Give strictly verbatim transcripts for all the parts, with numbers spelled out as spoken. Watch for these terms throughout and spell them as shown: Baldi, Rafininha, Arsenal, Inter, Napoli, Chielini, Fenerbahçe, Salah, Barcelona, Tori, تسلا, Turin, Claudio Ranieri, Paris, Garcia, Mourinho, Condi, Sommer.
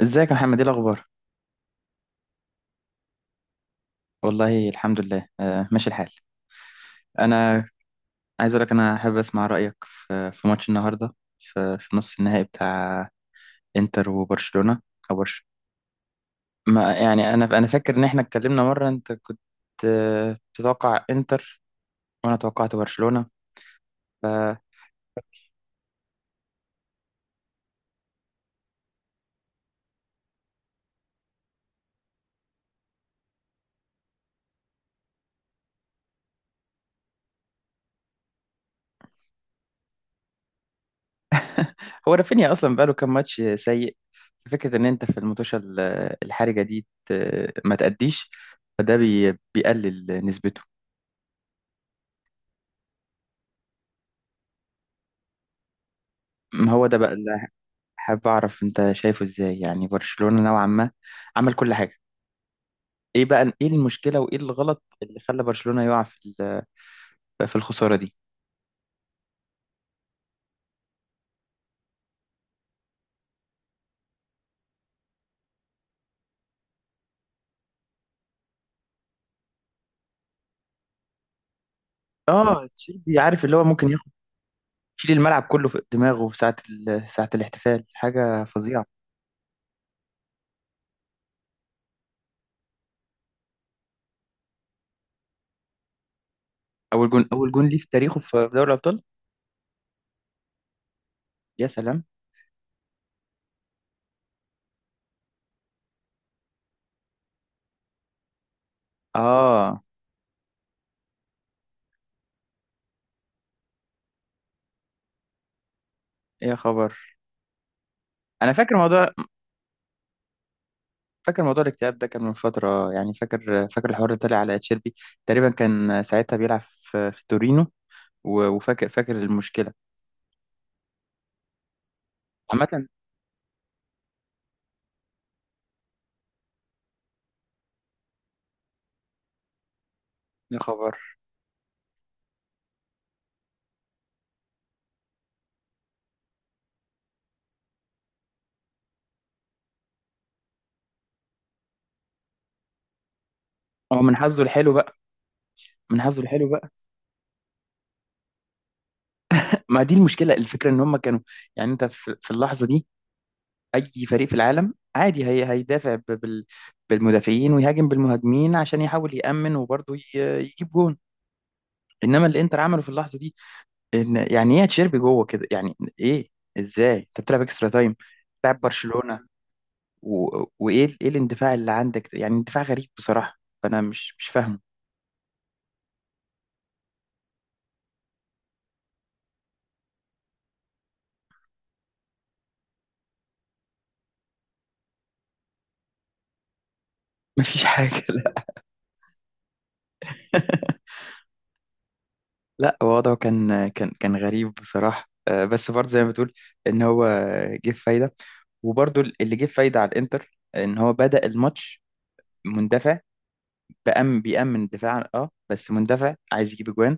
ازيك يا محمد؟ ايه الاخبار؟ والله الحمد لله، آه ماشي الحال. انا عايز اقول لك، انا حابب اسمع رايك في في ماتش النهارده، في, في نص النهائي بتاع انتر وبرشلونه، او برش. ما يعني، انا انا فاكر ان احنا اتكلمنا مره، انت كنت آه، بتتوقع انتر، وانا توقعت برشلونه. فهو رافينيا اصلا بقاله كام ماتش سيء، ففكره ان انت في المطوشه ال- الحرجه دي ت- ما تأديش، فده بي- بيقلل نسبته. ما هو ده بقى. حابب اعرف انت شايفه ازاي، يعني برشلونة نوعا ما عمل كل حاجة. ايه بقى، ايه المشكلة وايه الغلط اللي خلى برشلونة يقع في ال- في الخسارة دي؟ اه تشيلبي، عارف اللي هو ممكن ياخد، يشيل الملعب كله في دماغه في ساعة ال- ساعة الاحتفال. حاجة فظيعة. اول جون اول جون ليه في تاريخه في دوري الابطال. يا سلام. اه. إيه يا خبر. انا فاكر موضوع فاكر موضوع الاكتئاب ده كان من فترة، يعني فاكر فاكر الحوار اللي طلع على تشيلبي. تقريبا كان ساعتها بيلعب في في تورينو، و- وفاكر فاكر المشكلة عامة. يا خبر. هو من حظه الحلو بقى، من حظه الحلو بقى. ما دي المشكله، الفكره ان هم كانوا، يعني انت في في اللحظه دي، اي فريق في العالم عادي هي هيدافع ب- بال بالمدافعين ويهاجم بالمهاجمين، عشان يحاول يأمن وبرضه ي- يجيب جون. انما اللي انتر عمله في اللحظه دي ان، يعني ايه تشيربي جوه كده؟ يعني ايه؟ ازاي انت بتلعب اكسترا تايم؟ بتلعب برشلونه، و... وايه ال- ايه الاندفاع اللي عندك ده؟ يعني اندفاع غريب بصراحه، فانا مش مش فاهمه. مفيش حاجه. لا، لا وضعه كان كان كان غريب بصراحة، آه، بس برضه زي ما بتقول ان هو جه في فايدة. وبرضه اللي جه في فايدة على الانتر ان هو بدأ الماتش مندفع، بأم بيأمن دفاعا، اه، بس مندفع عايز يجيب اجوان،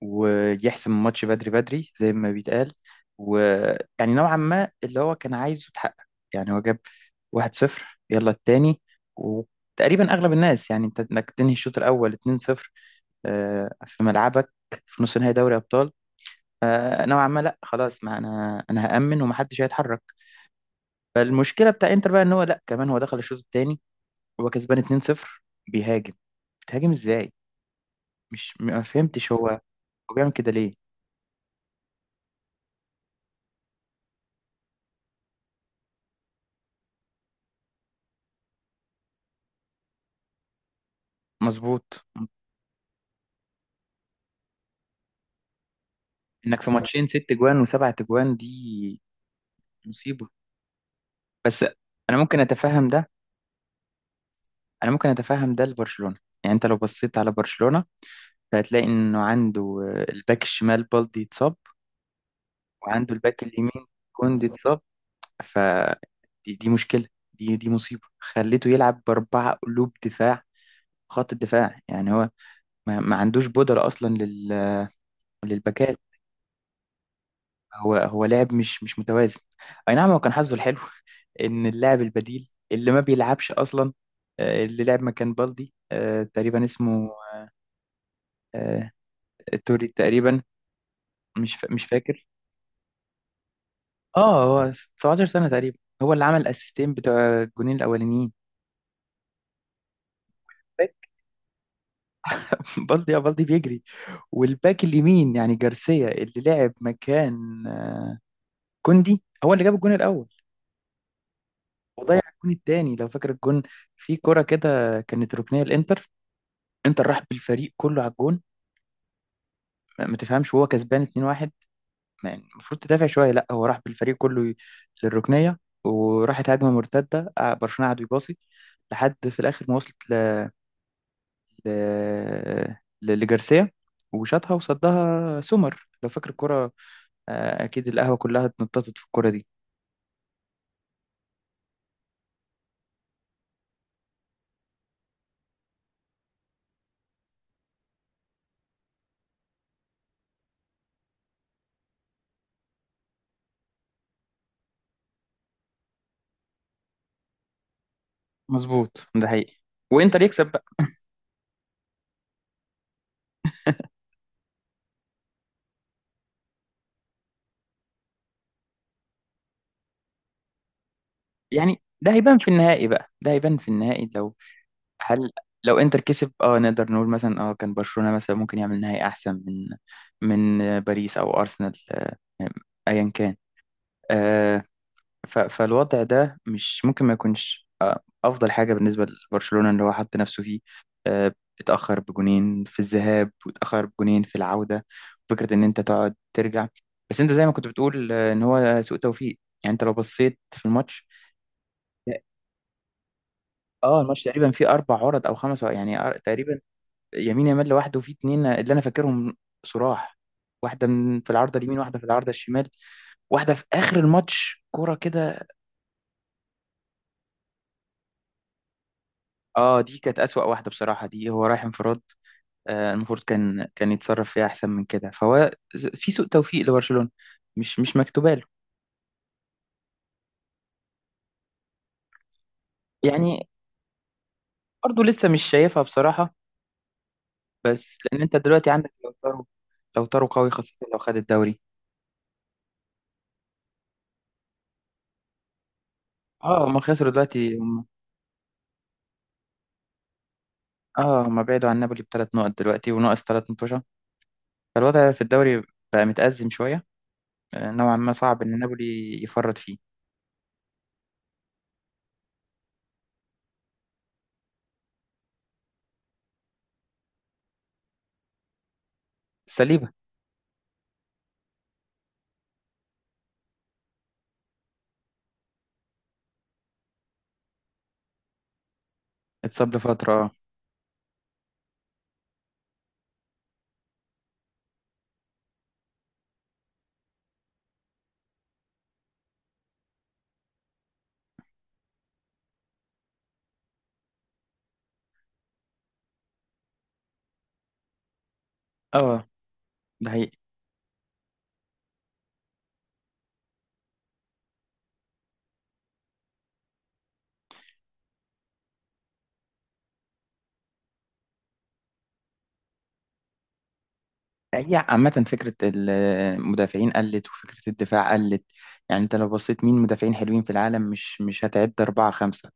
ويحسم الماتش بدري بدري زي ما بيتقال، ويعني نوعا ما اللي هو كان عايزه اتحقق. يعني هو جاب واحد صفر، يلا التاني، وتقريبا اغلب الناس، يعني انت انك تنهي الشوط الاول اتنين صفر آه، في ملعبك في نص نهائي دوري ابطال آه، نوعا ما، لا خلاص، ما انا انا هأمن ومحدش هيتحرك. فالمشكله بتاع انتر بقى ان هو، لا كمان هو دخل الشوط الثاني هو كسبان اتنين صفر بيهاجم. بتهاجم ازاي؟ مش ما فهمتش، هو هو بيعمل كده ليه؟ مظبوط. انك في ماتشين ست جوان وسبع تجوان دي مصيبه. بس انا ممكن اتفهم ده، انا ممكن اتفهم ده لبرشلونه. يعني انت لو بصيت على برشلونه، فهتلاقي انه عنده آه، الباك الشمال بالدي اتصاب، وعنده الباك اليمين كوندي اتصاب، ف دي, دي مشكلة، دي دي مصيبة. خليته يلعب بأربعة قلوب دفاع. خط الدفاع يعني هو ما, ما عندوش بودرة أصلا لل... للباكات. هو هو لاعب مش مش متوازن. أي نعم هو كان حظه الحلو، إن اللاعب البديل اللي ما بيلعبش أصلا، آه، اللي لعب مكان بالدي، آه، تقريبا اسمه آه، توري تقريبا، مش فا- مش فاكر. اه، هو 17 سنة تقريبا، هو اللي عمل الأسيستين بتوع الجونين الأولانيين. بالدي اه بالدي بيجري. والباك اليمين يعني جارسيا، اللي لعب مكان كوندي، هو اللي جاب الجون الاول وضيع الجون الثاني. لو فاكر الجون، في كرة كده كانت ركنيه الانتر، انتر راح بالفريق كله على الجون. ما ما تفهمش وهو كسبان اتنين واحد، يعني المفروض تدافع شويه، لا، هو راح بالفريق كله ي- للركنيه، وراحت هجمه مرتده، آه، برشلونه قعدوا يباصي لحد في الاخر ما وصلت ل... ل... ل- لجارسيا، وشاطها وصدها سومر. لو فاكر الكرة، آه، اكيد القهوه كلها اتنططت في الكوره دي. مظبوط، ده حقيقي. وانتر يكسب بقى. يعني ده هيبان في النهائي بقى، ده هيبان في النهائي لو، هل لو انتر كسب، اه نقدر نقول مثلا، اه كان برشلونه مثلا ممكن يعمل نهائي احسن من من آه، باريس او ارسنال، آه، آه، ايا كان، آه، ف- فالوضع ده مش ممكن ما يكونش افضل حاجه بالنسبه لبرشلونه اللي هو حط نفسه فيه، آه، اتاخر بجونين في الذهاب واتاخر بجونين في العوده. فكره ان انت تقعد ترجع، بس انت زي ما كنت بتقول آه، ان هو سوء توفيق. يعني انت لو بصيت في الماتش، اه الماتش تقريبا فيه اربع عرض او خمس عرض، يعني أر- تقريبا يمين يامال لوحده، وفيه اتنين اللي انا فاكرهم، صراح، واحده من في العارضه اليمين، واحده في العارضه الشمال، واحده في اخر الماتش كرة كده. اه دي كانت اسوأ واحده بصراحه، دي هو رايح انفراد، آه، المفروض كان كان يتصرف فيها احسن من كده. فهو ز- في سوء توفيق لبرشلونة، مش مش مكتوبه له. يعني برضه لسه مش شايفها بصراحة، بس لان انت دلوقتي عندك، لو طاروا، لو طاروا قوي، خاصة لو خد الدوري. اه هم خسروا دلوقتي هم. اه هم بعدوا عن نابولي بتلات نقط دلوقتي وناقص تلات متوشة. فالوضع في الدوري بقى متأزم شوية، آه، نوعا ما صعب ان نابولي يفرط فيه. سليبة اتصاب لفترة، اه. اه ده حقيقي. هي عامة فكرة المدافعين قلت وفكرة الدفاع قلت. يعني انت لو بصيت مين مدافعين حلوين في العالم، مش مش هتعد أربعة خمسة.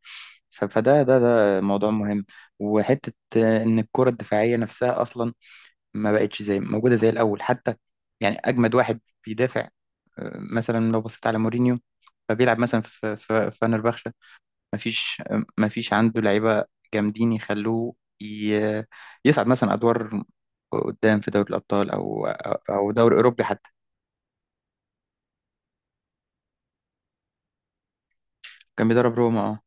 ف- فده ده ده موضوع مهم. وحتة إن الكرة الدفاعية نفسها أصلا ما بقتش زي موجودة زي الأول حتى. يعني أجمد واحد بيدافع آه، مثلا لو بصيت على مورينيو، فبيلعب مثلا في في فنربخشة، مفيش مفيش عنده لعيبة جامدين يخلوه ي- يصعد مثلا أدوار قدام في دوري الأبطال أو أو دوري أوروبي حتى. كان بيدرب روما، اه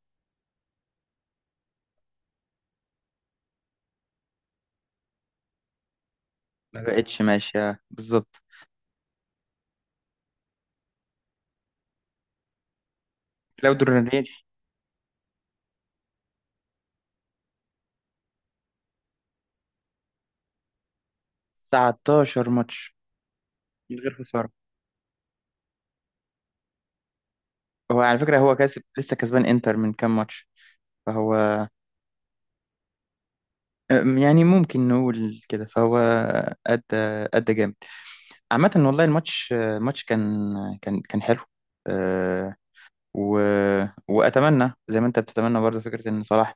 ما بقتش ماشية بالظبط. كلاوديو رانيري تسعة عشر ماتش من غير خسارة. هو على فكرة هو كاسب، لسه كسبان إنتر من كام ماتش، فهو أم، يعني ممكن نقول كده، فهو أدى أدى جامد. عامة والله الماتش الماتش كان كان كان حلو، آه، و... واتمنى زي ما انت بتتمنى برضه فكره ان صلاح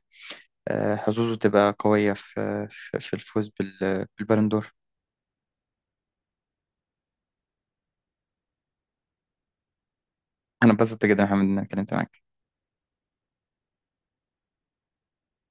آه، حظوظه تبقى قويه في آه، في في الفوز بال... بالبالون دور. انا اتبسطت جدا يا محمد، ان انا اتكلمت معاك.